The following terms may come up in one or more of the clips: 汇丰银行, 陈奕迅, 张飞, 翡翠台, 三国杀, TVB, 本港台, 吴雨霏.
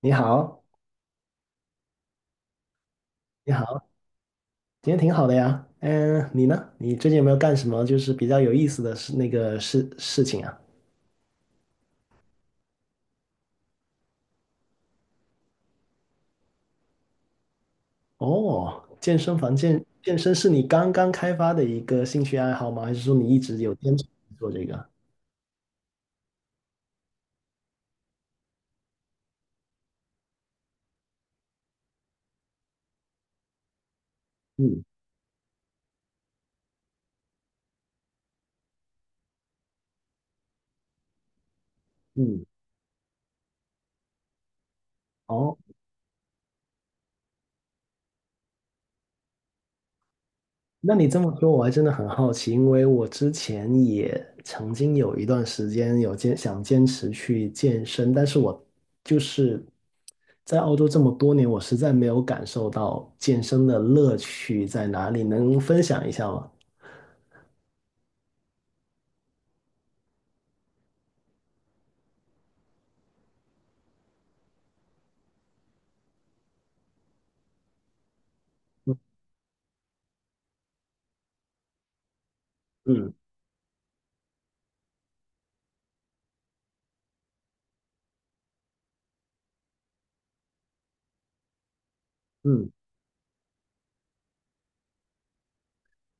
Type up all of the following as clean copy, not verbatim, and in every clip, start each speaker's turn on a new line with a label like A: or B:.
A: 你好，你好，今天挺好的呀。嗯，你呢？你最近有没有干什么比较有意思的事那个事事情啊？哦，健身房健身是你刚刚开发的一个兴趣爱好吗？还是说你一直有坚持做这个？嗯嗯，哦，那你这么说，我还真的很好奇，因为我之前也曾经有一段时间想坚持去健身，但是我就是在澳洲这么多年，我实在没有感受到健身的乐趣在哪里，能分享一下吗？嗯嗯，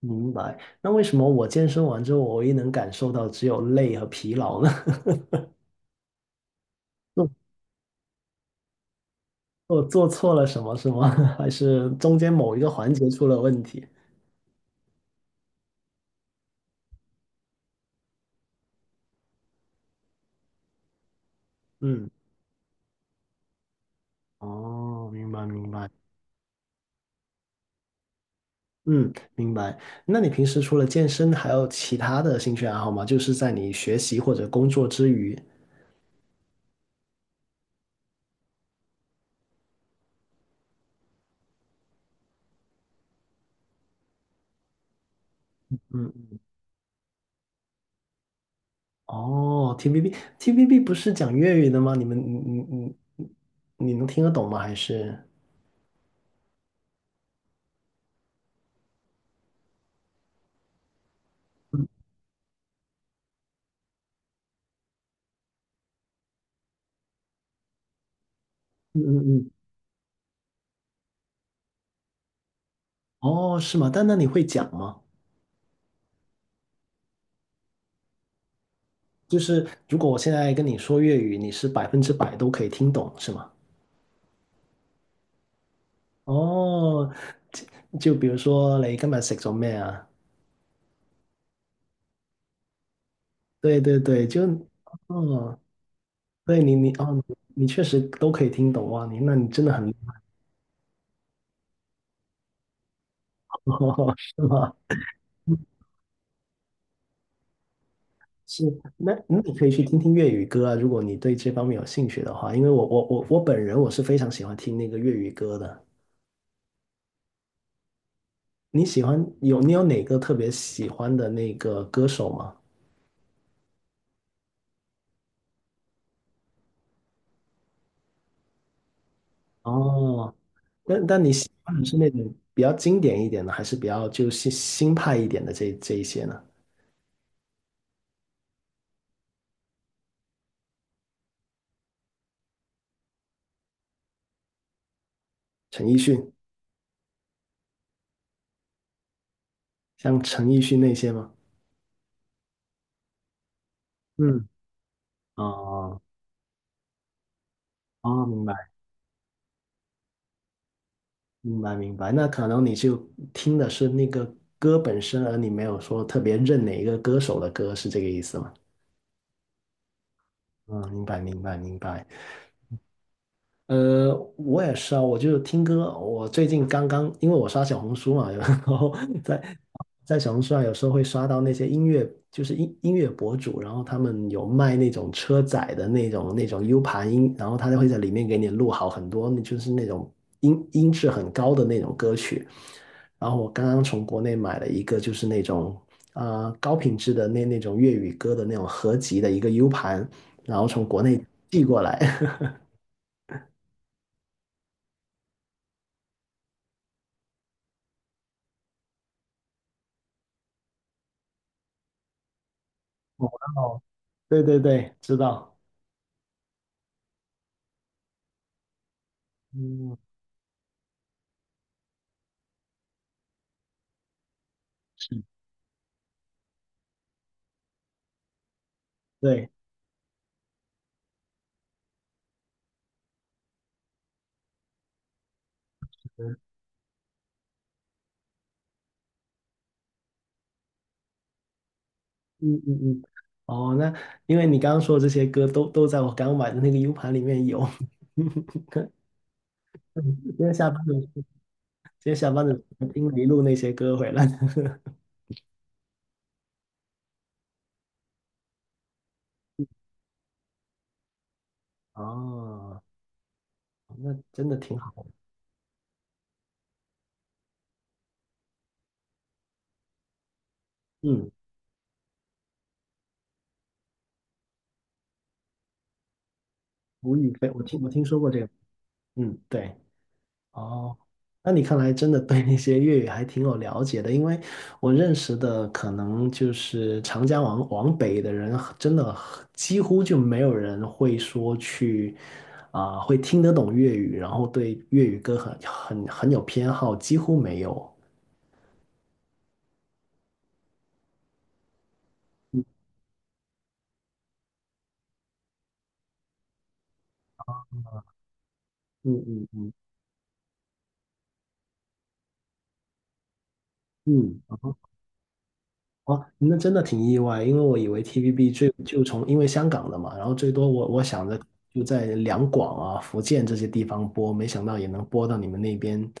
A: 明白。那为什么我健身完之后，我唯一能感受到只有累和疲劳呢？做做错了什么是吗？还是中间某一个环节出了问题？嗯，哦，明白明白。嗯，明白。那你平时除了健身，还有其他的兴趣爱好吗？就是在你学习或者工作之余。嗯，哦，TBB，TBB 不是讲粤语的吗？你们，你你你，你能听得懂吗？还是？嗯嗯。哦，是吗？但那你会讲吗？就是如果我现在跟你说粤语，你是百分之百都可以听懂，是吗？哦，就就比如说你今日食咗咩啊？对对对，哦，对你，你哦，你你确实都可以听懂哇，你那你真的很，是吗？是，那那你可以去听听粤语歌啊，如果你对这方面有兴趣的话，因为我本人我是非常喜欢听那个粤语歌的。你有哪个特别喜欢的那个歌手吗？哦，但但你喜欢的是那种比较经典一点的，还是比较新派一点的这一些呢？陈奕迅，像陈奕迅那些吗？嗯，哦哦，明白。明白明白，那可能你就听的是那个歌本身，而你没有说特别认哪一个歌手的歌，是这个意思吗？嗯，明白明白明白。我也是啊，我就听歌。我最近刚刚，因为我刷小红书嘛，然后在在小红书上有时候会刷到那些音乐，就是音乐博主，然后他们有卖那种车载的那种 U 盘音，然后他就会在里面给你录好很多，就是那种音质很高的那种歌曲。然后我刚刚从国内买了一个，就是那种高品质的那种粤语歌的那种合集的一个 U 盘，然后从国内寄过来。对对对，知道，嗯，是，对，嗯嗯嗯嗯，哦，那因为你刚刚说的这些歌都在我刚买的那个 U 盘里面有，今天下班的时候听了一路那些歌回来，哦，那真的挺好，嗯，吴雨霏，我听说过这个，嗯，对。哦，那你看来真的对那些粤语还挺有了解的，因为我认识的可能就是长江往北的人，真的几乎就没有人会说去啊、会听得懂粤语，然后对粤语歌很有偏好，几乎没有。嗯嗯嗯嗯，嗯哦，那真的挺意外，因为我以为 TVB 因为香港的嘛，然后最多我想着就在两广啊、福建这些地方播，没想到也能播到你们那边。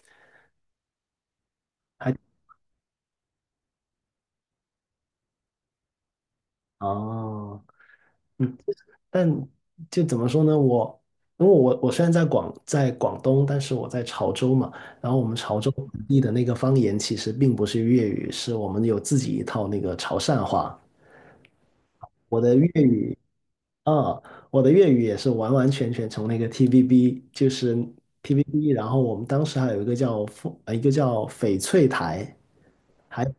A: 还哦，嗯，但就怎么说呢？我因为我我虽然在广东，但是我在潮州嘛，然后我们潮州本地的那个方言其实并不是粤语，是我们有自己一套那个潮汕话。我的粤语啊，我的粤语也是完完全全从那个 TVB，就是 TVB，然后我们当时还有一个一个叫翡翠台，还有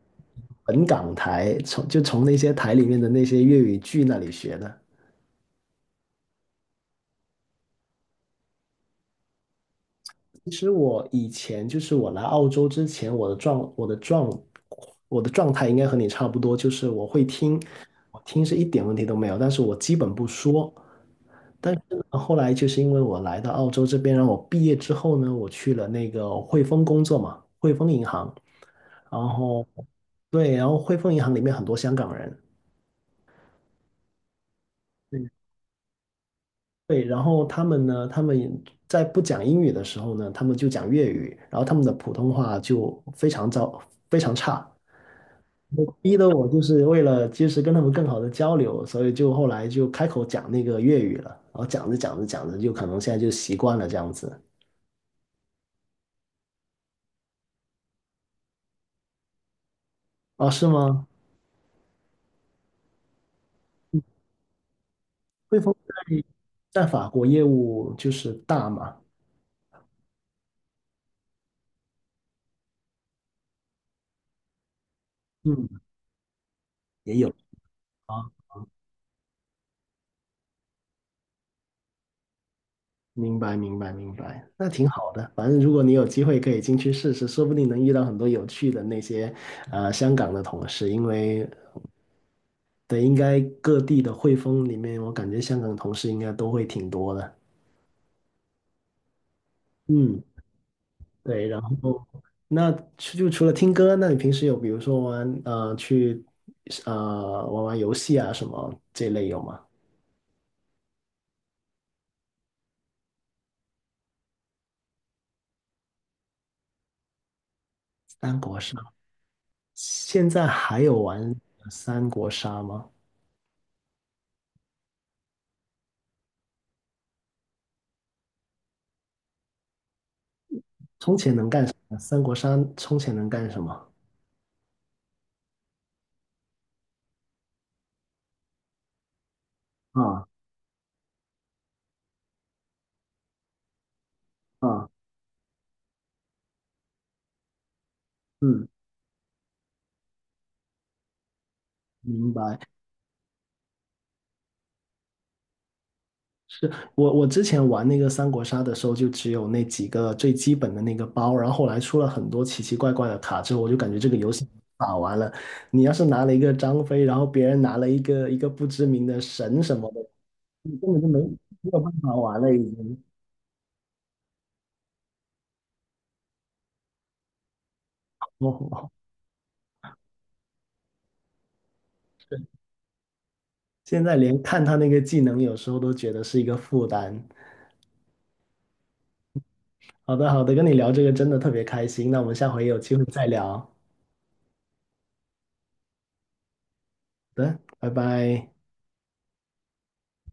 A: 本港台，就从那些台里面的那些粤语剧那里学的。其实我以前就是我来澳洲之前，我的状态应该和你差不多，就是我会听，我听是一点问题都没有，但是我基本不说。但是呢，后来就是因为我来到澳洲这边，然后我毕业之后呢，我去了那个汇丰工作嘛，汇丰银行，然后对，然后汇丰银行里面很多香港人，对，然后他们呢，他们也在不讲英语的时候呢，他们就讲粤语，然后他们的普通话就非常糟，非常差，我逼得我就是为了及时跟他们更好的交流，所以就后来就开口讲那个粤语了，然后讲着讲着，就可能现在就习惯了这样子。啊？是吗？汇丰在法国业务就是大嘛，嗯，也有。啊。明白，明白，明白，那挺好的。反正如果你有机会可以进去试试，说不定能遇到很多有趣的那些香港的同事，因为对，应该各地的汇丰里面，我感觉香港同事应该都会挺多的。嗯，对。然后那除了听歌，那你平时有比如说玩呃去呃玩玩游戏啊什么这类有吗？三国杀，现在还有玩三国杀吗？充钱能干什么？三国杀充钱能干什么？啊啊，嗯，明白。是我我之前玩那个三国杀的时候，就只有那几个最基本的那个包，然后后来出了很多奇奇怪怪的卡之后，我就感觉这个游戏打完了。你要是拿了一个张飞，然后别人拿了一个不知名的神什么的，你根本就没没有办法玩了，已经。哦，现在连看他那个技能，有时候都觉得是一个负担。好的，好的，跟你聊这个真的特别开心，那我们下回有机会再聊。好的，拜拜。